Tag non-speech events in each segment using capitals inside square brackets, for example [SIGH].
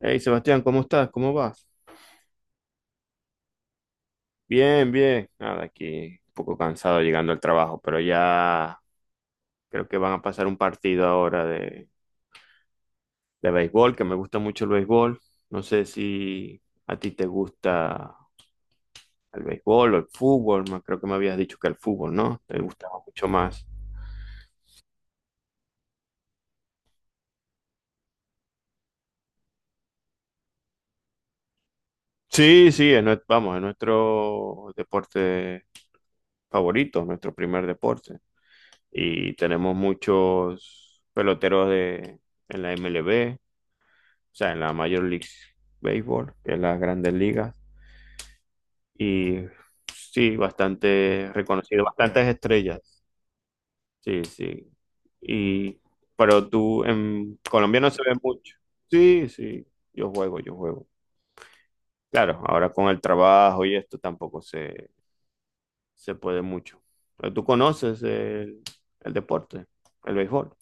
Hey Sebastián, ¿cómo estás? ¿Cómo vas? Bien, bien. Nada, aquí un poco cansado llegando al trabajo, pero ya creo que van a pasar un partido ahora de béisbol, que me gusta mucho el béisbol. No sé si a ti te gusta el béisbol o el fútbol, creo que me habías dicho que el fútbol, ¿no? Te gustaba mucho más. Sí, sí, vamos, es nuestro deporte favorito, nuestro primer deporte. Y tenemos muchos peloteros de, en la MLB. O sea, en la Major League Baseball, que es las grandes ligas, y sí, bastante reconocido, bastantes estrellas, sí, sí, y, pero tú, en Colombia no se ve mucho, sí, sí, yo juego, claro, ahora con el trabajo y esto tampoco se, se puede mucho, pero tú conoces el deporte, el béisbol,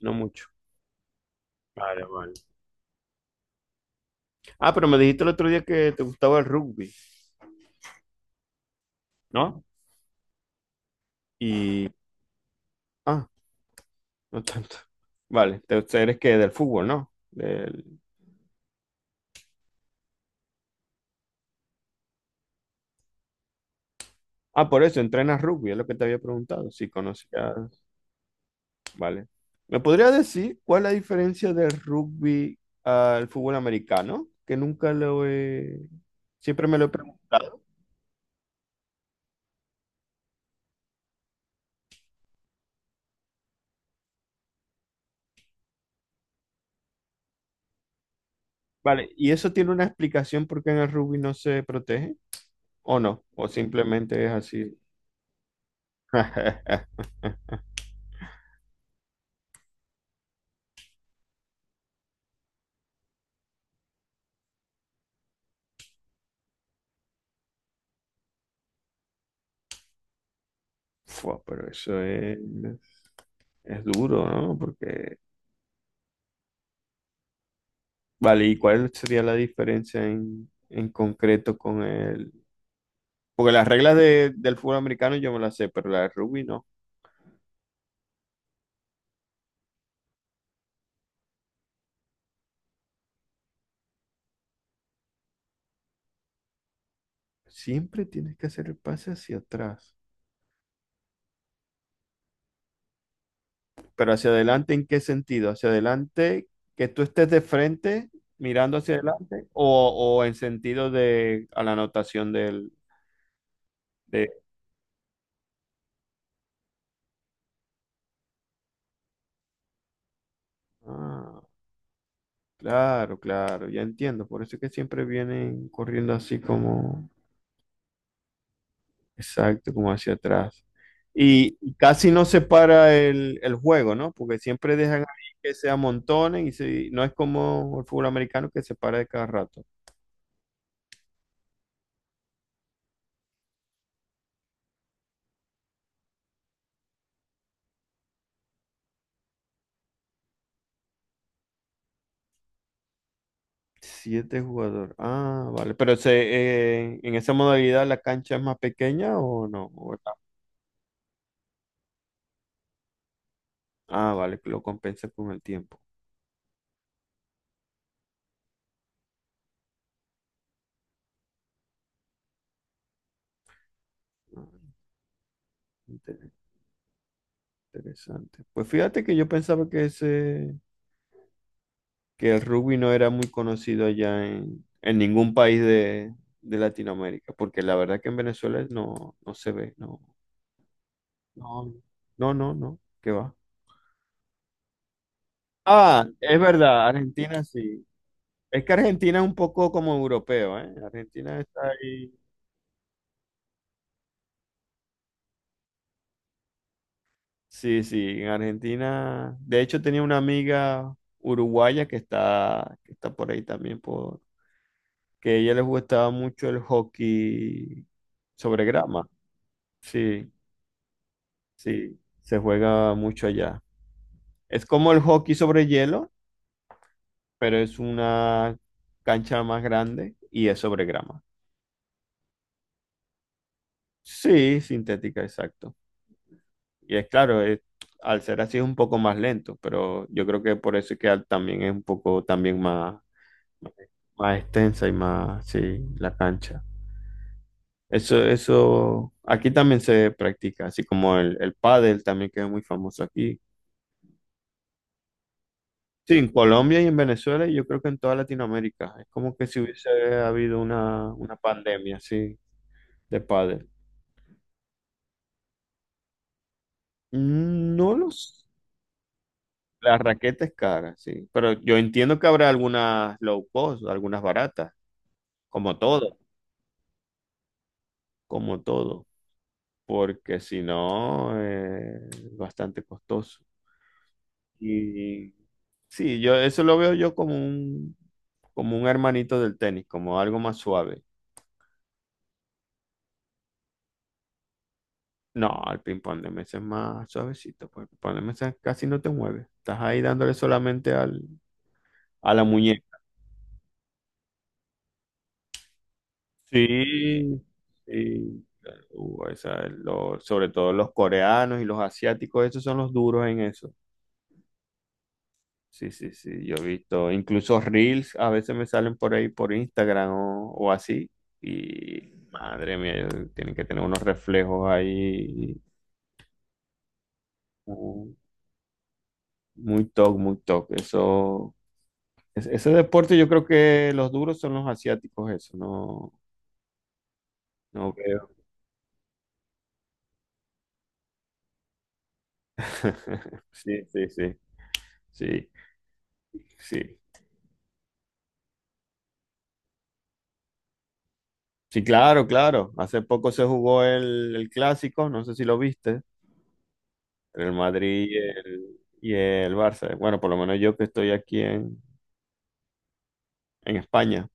no mucho. Vale, vale. Ah, pero me dijiste el otro día que te gustaba el rugby, ¿no? Y, ah, no tanto. Vale, eres que del fútbol, ¿no? Ah, por eso, entrenas rugby, es lo que te había preguntado, si conocías. Vale. ¿Me podría decir cuál es la diferencia del rugby al fútbol americano? Que nunca lo he... Siempre me lo he preguntado. Vale, ¿y eso tiene una explicación por qué en el rugby no se protege? ¿O no? ¿O simplemente es así? [LAUGHS] Fua, pero eso es duro, ¿no? Porque vale, ¿y cuál sería la diferencia en concreto con el...? Porque las reglas del fútbol americano yo me las sé, pero la de rugby no. Siempre tienes que hacer el pase hacia atrás. Pero hacia adelante, ¿en qué sentido? ¿Hacia adelante que tú estés de frente mirando hacia adelante o en sentido de a la anotación del... De... Ah, claro, claro, ya entiendo. Por eso es que siempre vienen corriendo así como... Exacto, como hacia atrás. Y casi no se para el juego, ¿no? Porque siempre dejan ahí que se amontonen y no es como el fútbol americano que se para de cada rato. Siete jugadores. Ah, vale. Pero se, en esa modalidad la cancha es más pequeña o no? ¿O es la- Ah, vale, que lo compensa con el tiempo. Ah, inter- interesante. Pues fíjate que yo pensaba que ese que el rugby no era muy conocido allá en ningún país de Latinoamérica, porque la verdad que en Venezuela no, no se ve, no, no, no, no, no, qué va. Ah, es verdad, Argentina sí. Es que Argentina es un poco como europeo, ¿eh? Argentina está ahí. Sí, sí, en Argentina. De hecho, tenía una amiga uruguaya que está por ahí también, por, que a ella le gustaba mucho el hockey sobre grama. Sí. Sí, se juega mucho allá. Es como el hockey sobre hielo, pero es una cancha más grande y es sobre grama. Sí, sintética, exacto. Y es claro, al ser así es un poco más lento, pero yo creo que por eso es que también es un poco también más, más extensa y más, sí, la cancha. Eso, aquí también se practica, así como el pádel también que es muy famoso aquí. Sí, en Colombia y en Venezuela y yo creo que en toda Latinoamérica. Es como que si hubiese habido una pandemia, sí, de pádel. No los... La raqueta es cara, sí. Pero yo entiendo que habrá algunas low cost, algunas baratas, como todo, como todo. Porque si no, es bastante costoso. Y sí, yo eso lo veo yo como un hermanito del tenis, como algo más suave. No, el ping-pong de mesa es más suavecito, pues el ping-pong de mesa casi no te mueve. Estás ahí dándole solamente al, a la muñeca. Sí, sí. Esa es sobre todo los coreanos y los asiáticos, esos son los duros en eso. Sí, sí, sí, yo he visto. Incluso reels a veces me salen por ahí por Instagram o así. Y madre mía, ellos tienen que tener unos reflejos ahí uh, muy top, muy top. Eso ese deporte yo creo que los duros son los asiáticos, eso, no, no veo. [LAUGHS] Sí, sí, sí, sí, sí. Sí, claro, claro. Hace poco se jugó el clásico, no sé si lo viste, entre el Madrid y y el Barça. Bueno, por lo menos yo que estoy aquí en España.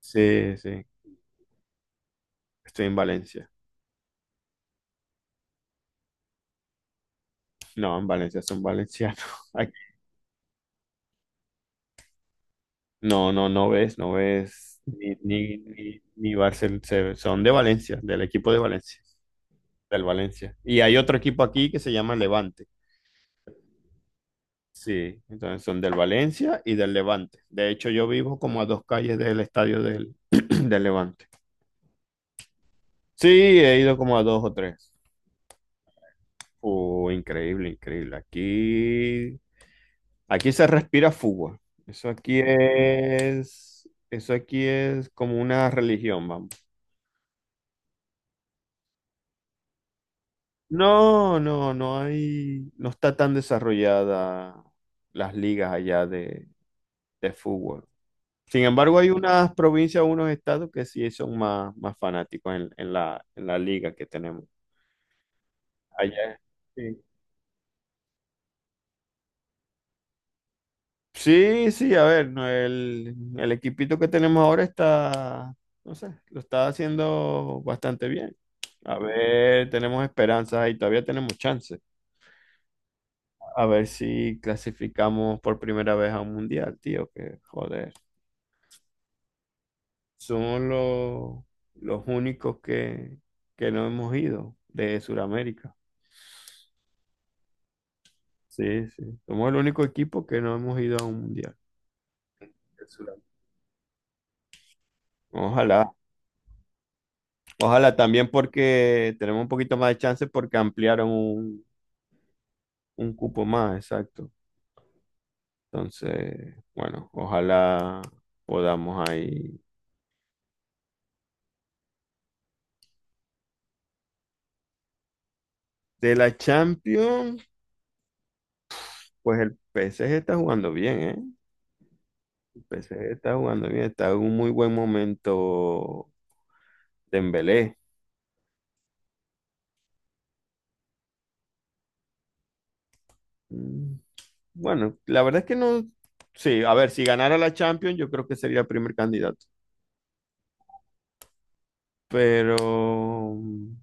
Sí, sí, estoy en Valencia. No, en Valencia son valencianos. [LAUGHS] Ay, no, no, no ves, no ves ni, ni, ni, ni son de Valencia, del equipo de Valencia. Del Valencia. Y hay otro equipo aquí que se llama Levante. Sí, entonces son del Valencia y del Levante. De hecho, yo vivo como a dos calles del estadio del, [CLEARS THROAT] del Levante. Sí, he ido como a dos o tres. Oh, increíble, increíble. Aquí, aquí se respira fútbol. Eso aquí es como una religión, vamos. No, no, no hay, no está tan desarrollada las ligas allá de fútbol. Sin embargo, hay unas provincias, unos estados que sí son más, más fanáticos en la liga que tenemos. Allá. Sí, sí, sí, a ver, no, el equipito que tenemos ahora está, no sé, lo está haciendo bastante bien. A ver, tenemos esperanzas y todavía tenemos chances. A ver si clasificamos por primera vez a un mundial, tío, que joder. Son los únicos que no hemos ido de Sudamérica. Sí, sí. Somos el único equipo que no hemos ido a un mundial. Del Sudam. Ojalá. Ojalá también porque tenemos un poquito más de chance porque ampliaron un cupo más, exacto. Entonces, bueno, ojalá podamos ahí. De la Champions, pues el PSG está jugando bien, ¿eh? El PSG está jugando bien, está en un muy buen momento Dembélé. Mm, bueno, la verdad es que no. Sí, a ver, si ganara la Champions, yo creo que sería el primer candidato. Pero mm,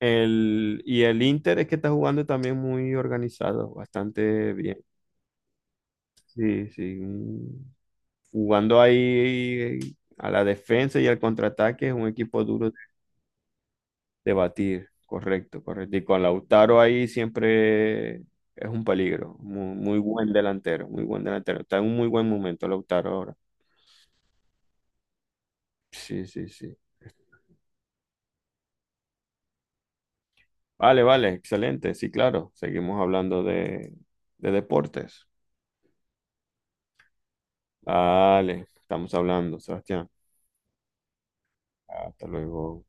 y el Inter es que está jugando también muy organizado, bastante bien. Sí, sí. Jugando ahí a la defensa y al contraataque es un equipo duro de batir. Correcto, correcto. Y con Lautaro ahí siempre es un peligro. Muy, muy buen delantero, muy buen delantero. Está en un muy buen momento Lautaro ahora. Sí, sí, sí. Vale, vale, excelente. Sí, claro. Seguimos hablando de deportes. Vale, estamos hablando, Sebastián. Hasta luego.